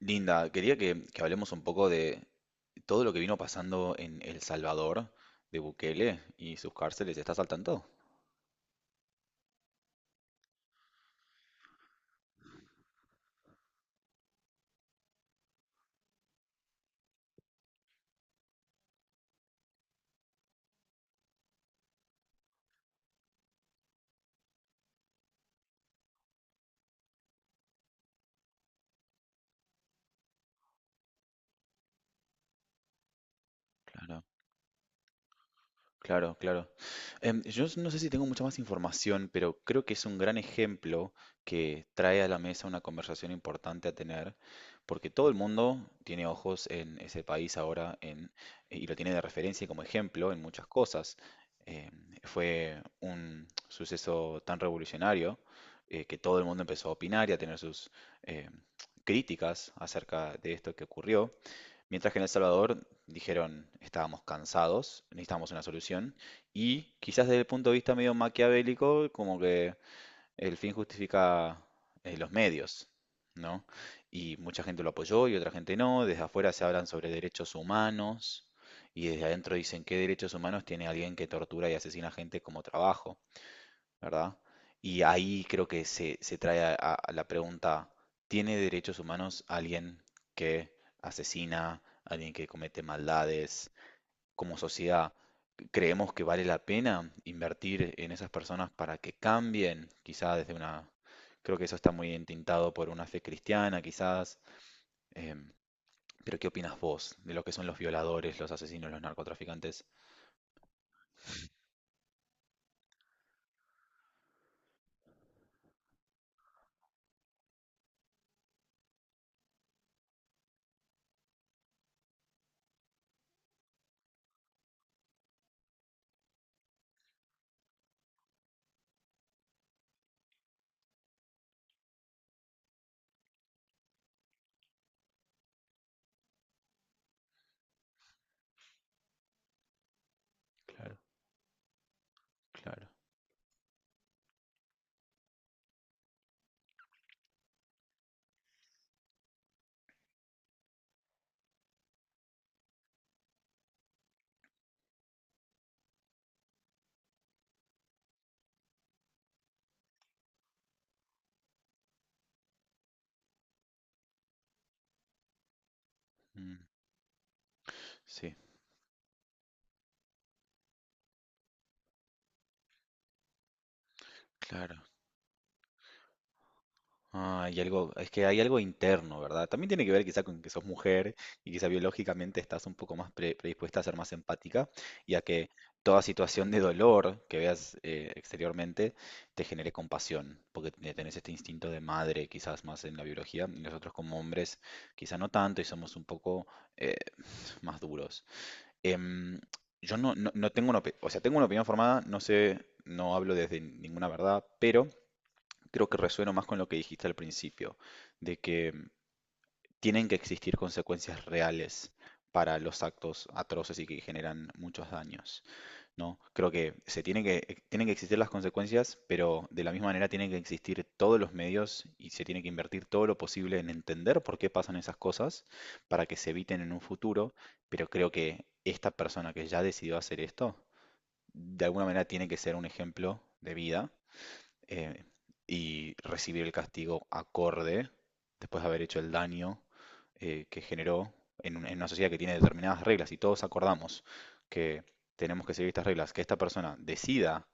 Linda, quería que hablemos un poco de todo lo que vino pasando en El Salvador, de Bukele y sus cárceles. ¿Estás al tanto? Claro. Claro, claro. Yo no sé si tengo mucha más información, pero creo que es un gran ejemplo que trae a la mesa una conversación importante a tener, porque todo el mundo tiene ojos en ese país ahora. Y lo tiene de referencia y como ejemplo en muchas cosas. Em, Fue un suceso tan revolucionario que todo el mundo empezó a opinar y a tener sus em, críticas acerca de esto que ocurrió. Mientras que en El Salvador dijeron, estábamos cansados, necesitábamos una solución, y quizás desde el punto de vista medio maquiavélico, como que el fin justifica los medios, ¿no? Y mucha gente lo apoyó y otra gente no, desde afuera se hablan sobre derechos humanos, y desde adentro dicen qué derechos humanos tiene alguien que tortura y asesina gente como trabajo. ¿Verdad? Y ahí creo que se trae a la pregunta, ¿tiene derechos humanos alguien que asesina, alguien que comete maldades? Como sociedad, ¿creemos que vale la pena invertir en esas personas para que cambien? Quizás desde una... Creo que eso está muy entintado por una fe cristiana, quizás. em, pero ¿qué opinas vos de lo que son los violadores, los asesinos, los narcotraficantes? Claro, claro. Mm, sí, claro. Ah, hay algo, es que hay algo interno, ¿verdad? También tiene que ver quizá con que sos mujer y quizá biológicamente estás un poco más predispuesta a ser más empática y a que toda situación de dolor que veas exteriormente te genere compasión, porque tenés este instinto de madre quizás más en la biología y nosotros como hombres quizá no tanto y somos un poco eh, más duros. Em, yo no tengo una o sea, tengo una opinión formada, no sé, no hablo desde ninguna verdad, pero creo que resueno más con lo que dijiste al principio, de que tienen que existir consecuencias reales para los actos atroces y que generan muchos daños, ¿no? Creo que se tiene que, tienen que existir las consecuencias, pero de la misma manera tienen que existir todos los medios y se tiene que invertir todo lo posible en entender por qué pasan esas cosas para que se eviten en un futuro, pero creo que esta persona que ya decidió hacer esto, de alguna manera tiene que ser un ejemplo de vida eh, y recibir el castigo acorde después de haber hecho el daño que generó en, en una sociedad que tiene determinadas reglas y todos acordamos que tenemos que seguir estas reglas, que esta persona decida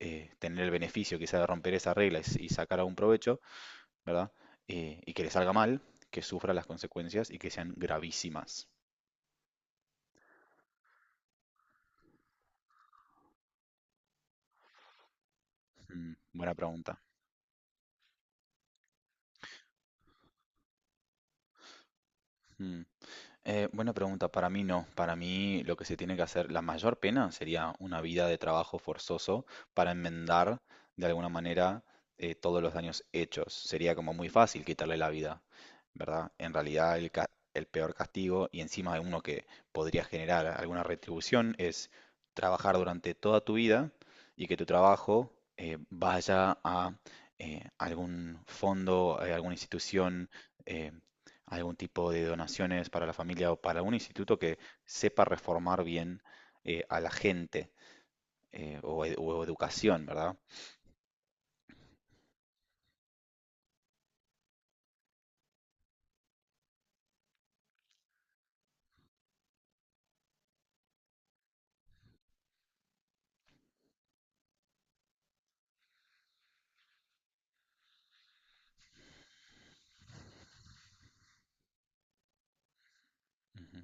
tener el beneficio quizá de romper esas reglas y sacar algún provecho, ¿verdad? Y que le salga mal, que sufra las consecuencias y que sean gravísimas. Mm, buena pregunta. Mm. Buena pregunta, para mí no. Para mí lo que se tiene que hacer, la mayor pena sería una vida de trabajo forzoso para enmendar de alguna manera todos los daños hechos. Sería como muy fácil quitarle la vida, ¿verdad? En realidad el, el peor castigo y encima de uno que podría generar alguna retribución es trabajar durante toda tu vida y que tu trabajo vaya a algún fondo, alguna institución. eh, Algún tipo de donaciones para la familia o para un instituto que sepa reformar bien a la gente o, o educación, ¿verdad? Ujú,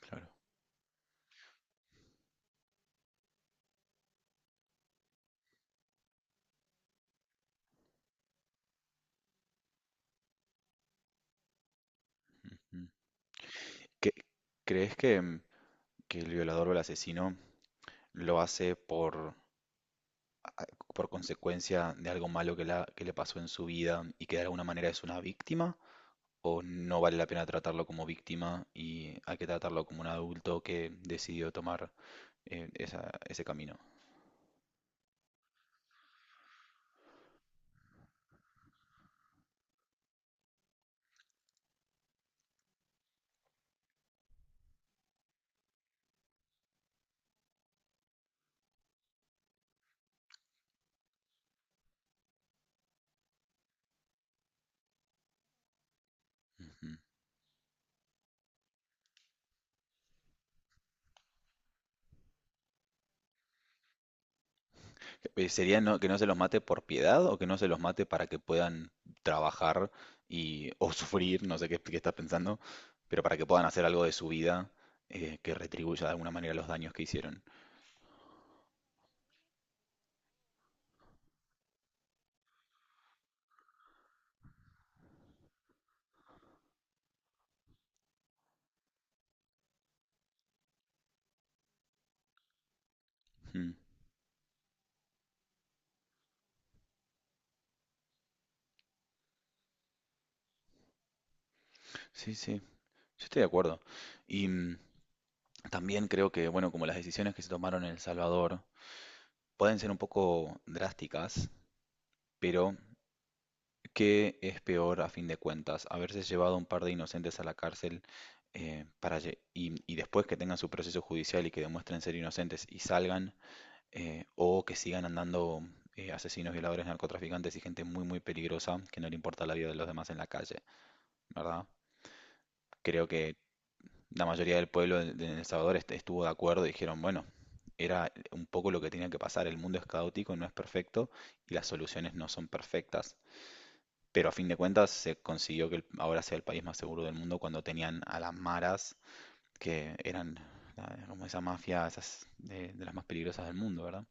claro. Ujú. ¿Qué- crees que, que el violador o el asesino lo hace por consecuencia de algo malo que, que le pasó en su vida y que de alguna manera es una víctima? ¿O no vale la pena tratarlo como víctima y hay que tratarlo como un adulto que decidió tomar ese camino? ¿Sería que no se los mate por piedad o que no se los mate para que puedan trabajar y, o sufrir, no sé qué, qué estás pensando, pero para que puedan hacer algo de su vida que retribuya de alguna manera los daños que hicieron? Mm, sí, sí, yo estoy de acuerdo. Y también creo que, bueno, como las decisiones que se tomaron en El Salvador pueden ser un poco drásticas, pero ¿qué es peor a fin de cuentas? ¿Haberse llevado un par de inocentes a la cárcel y después que tengan su proceso judicial y que demuestren ser inocentes y salgan, o que sigan andando asesinos, violadores, narcotraficantes y gente muy, muy peligrosa que no le importa la vida de los demás en la calle, ¿verdad? Creo que la mayoría del pueblo de El Salvador estuvo de acuerdo y dijeron, bueno, era un poco lo que tenía que pasar, el mundo es caótico, no es perfecto y las soluciones no son perfectas. Pero a fin de cuentas se consiguió que ahora sea el país más seguro del mundo cuando tenían a las maras, que eran como esa mafia, esas de las más peligrosas del mundo, ¿verdad?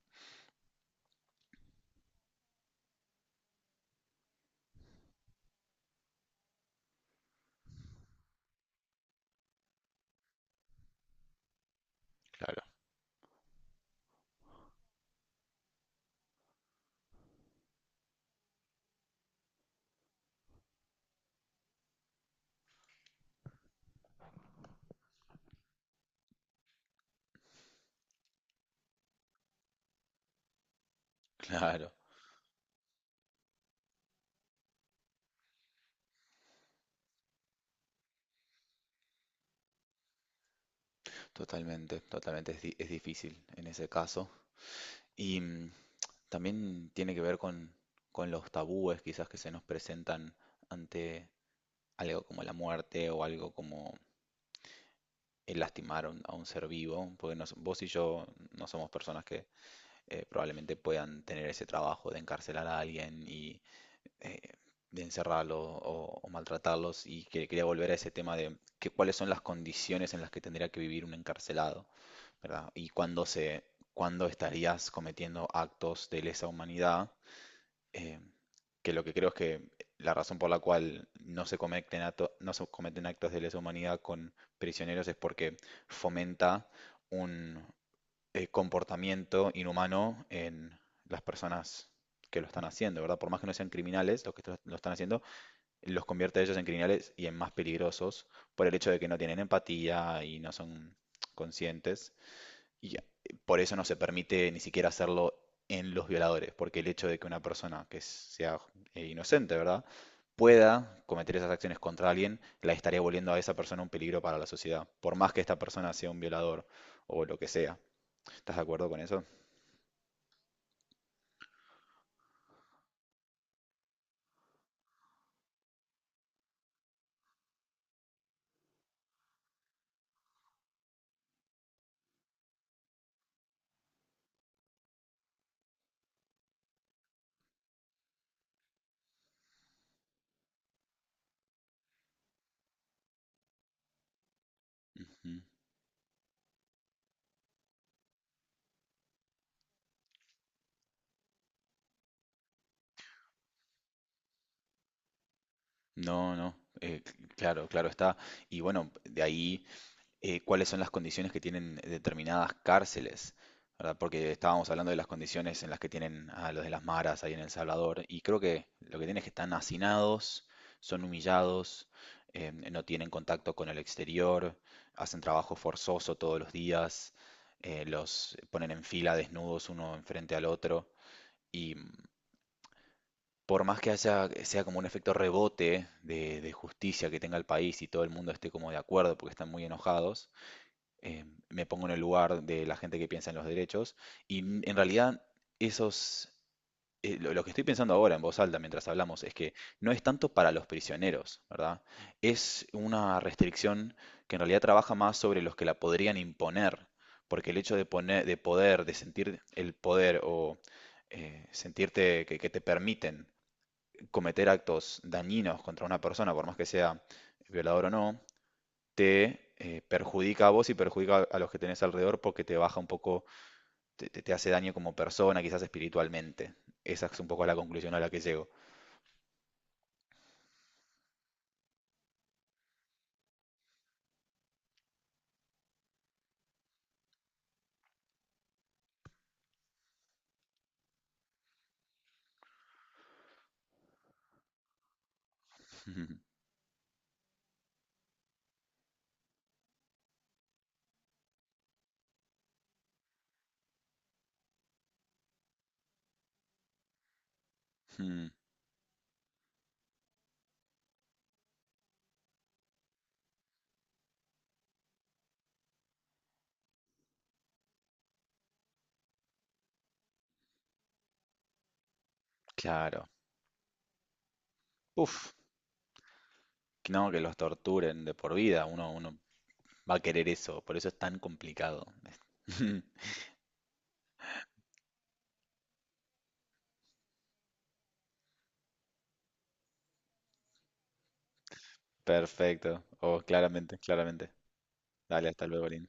Claro. Claro, totalmente, totalmente. Es, es difícil en ese caso. Y también tiene que ver con los tabúes quizás que se nos presentan ante algo como la muerte o algo como el lastimar a un ser vivo. Porque vos y yo no somos personas que probablemente puedan tener ese trabajo de encarcelar a alguien y eh, de encerrarlo o maltratarlos. Y quería volver a ese tema de que, cuáles son las condiciones en las que tendría que vivir un encarcelado, ¿verdad? Y cuándo se, cuándo estarías cometiendo actos de lesa humanidad, eh, que lo que creo es que la razón por la cual no se cometen no se cometen actos de lesa humanidad con prisioneros es porque fomenta un, comportamiento inhumano en las personas que lo están haciendo, ¿verdad? Por más que no sean criminales, los que lo están haciendo, los convierte a ellos en criminales y en más peligrosos por el hecho de que no tienen empatía y no son conscientes. Y por eso no se permite ni siquiera hacerlo en los violadores, porque el hecho de que una persona que sea inocente, ¿verdad? Pueda cometer esas acciones contra alguien, la estaría volviendo a esa persona un peligro para la sociedad, por más que esta persona sea un violador o lo que sea. ¿Estás de acuerdo con eso? Ujú. No, no, claro, claro está. Y bueno, de ahí, ¿cuáles son las condiciones que tienen determinadas cárceles? ¿Verdad? Porque estábamos hablando de las condiciones en las que tienen a los de las maras ahí en El Salvador, y creo que lo que tienen es que están hacinados, son humillados, no tienen contacto con el exterior, hacen trabajo forzoso todos los días, los ponen en fila desnudos uno enfrente al otro. Por más que haya, sea como un efecto rebote de justicia que tenga el país y todo el mundo esté como de acuerdo porque están muy enojados, eh, me pongo en el lugar de la gente que piensa en los derechos y en realidad esos, lo que estoy pensando ahora en voz alta mientras hablamos es que no es tanto para los prisioneros, ¿verdad? Es una restricción que en realidad trabaja más sobre los que la podrían imponer, porque el hecho de poner, de poder, de sentir el poder o sentirte que te permiten cometer actos dañinos contra una persona, por más que sea violador o no, te perjudica a vos y perjudica a los que tenés alrededor porque te baja un poco, te, hace daño como persona, quizás espiritualmente. Esa es un poco la conclusión a la que llego. Claro. Uf, no, que los torturen de por vida, uno, uno va a querer eso, por eso es tan complicado. Perfecto. Oh, claramente, claramente. Dale, hasta luego, Lin.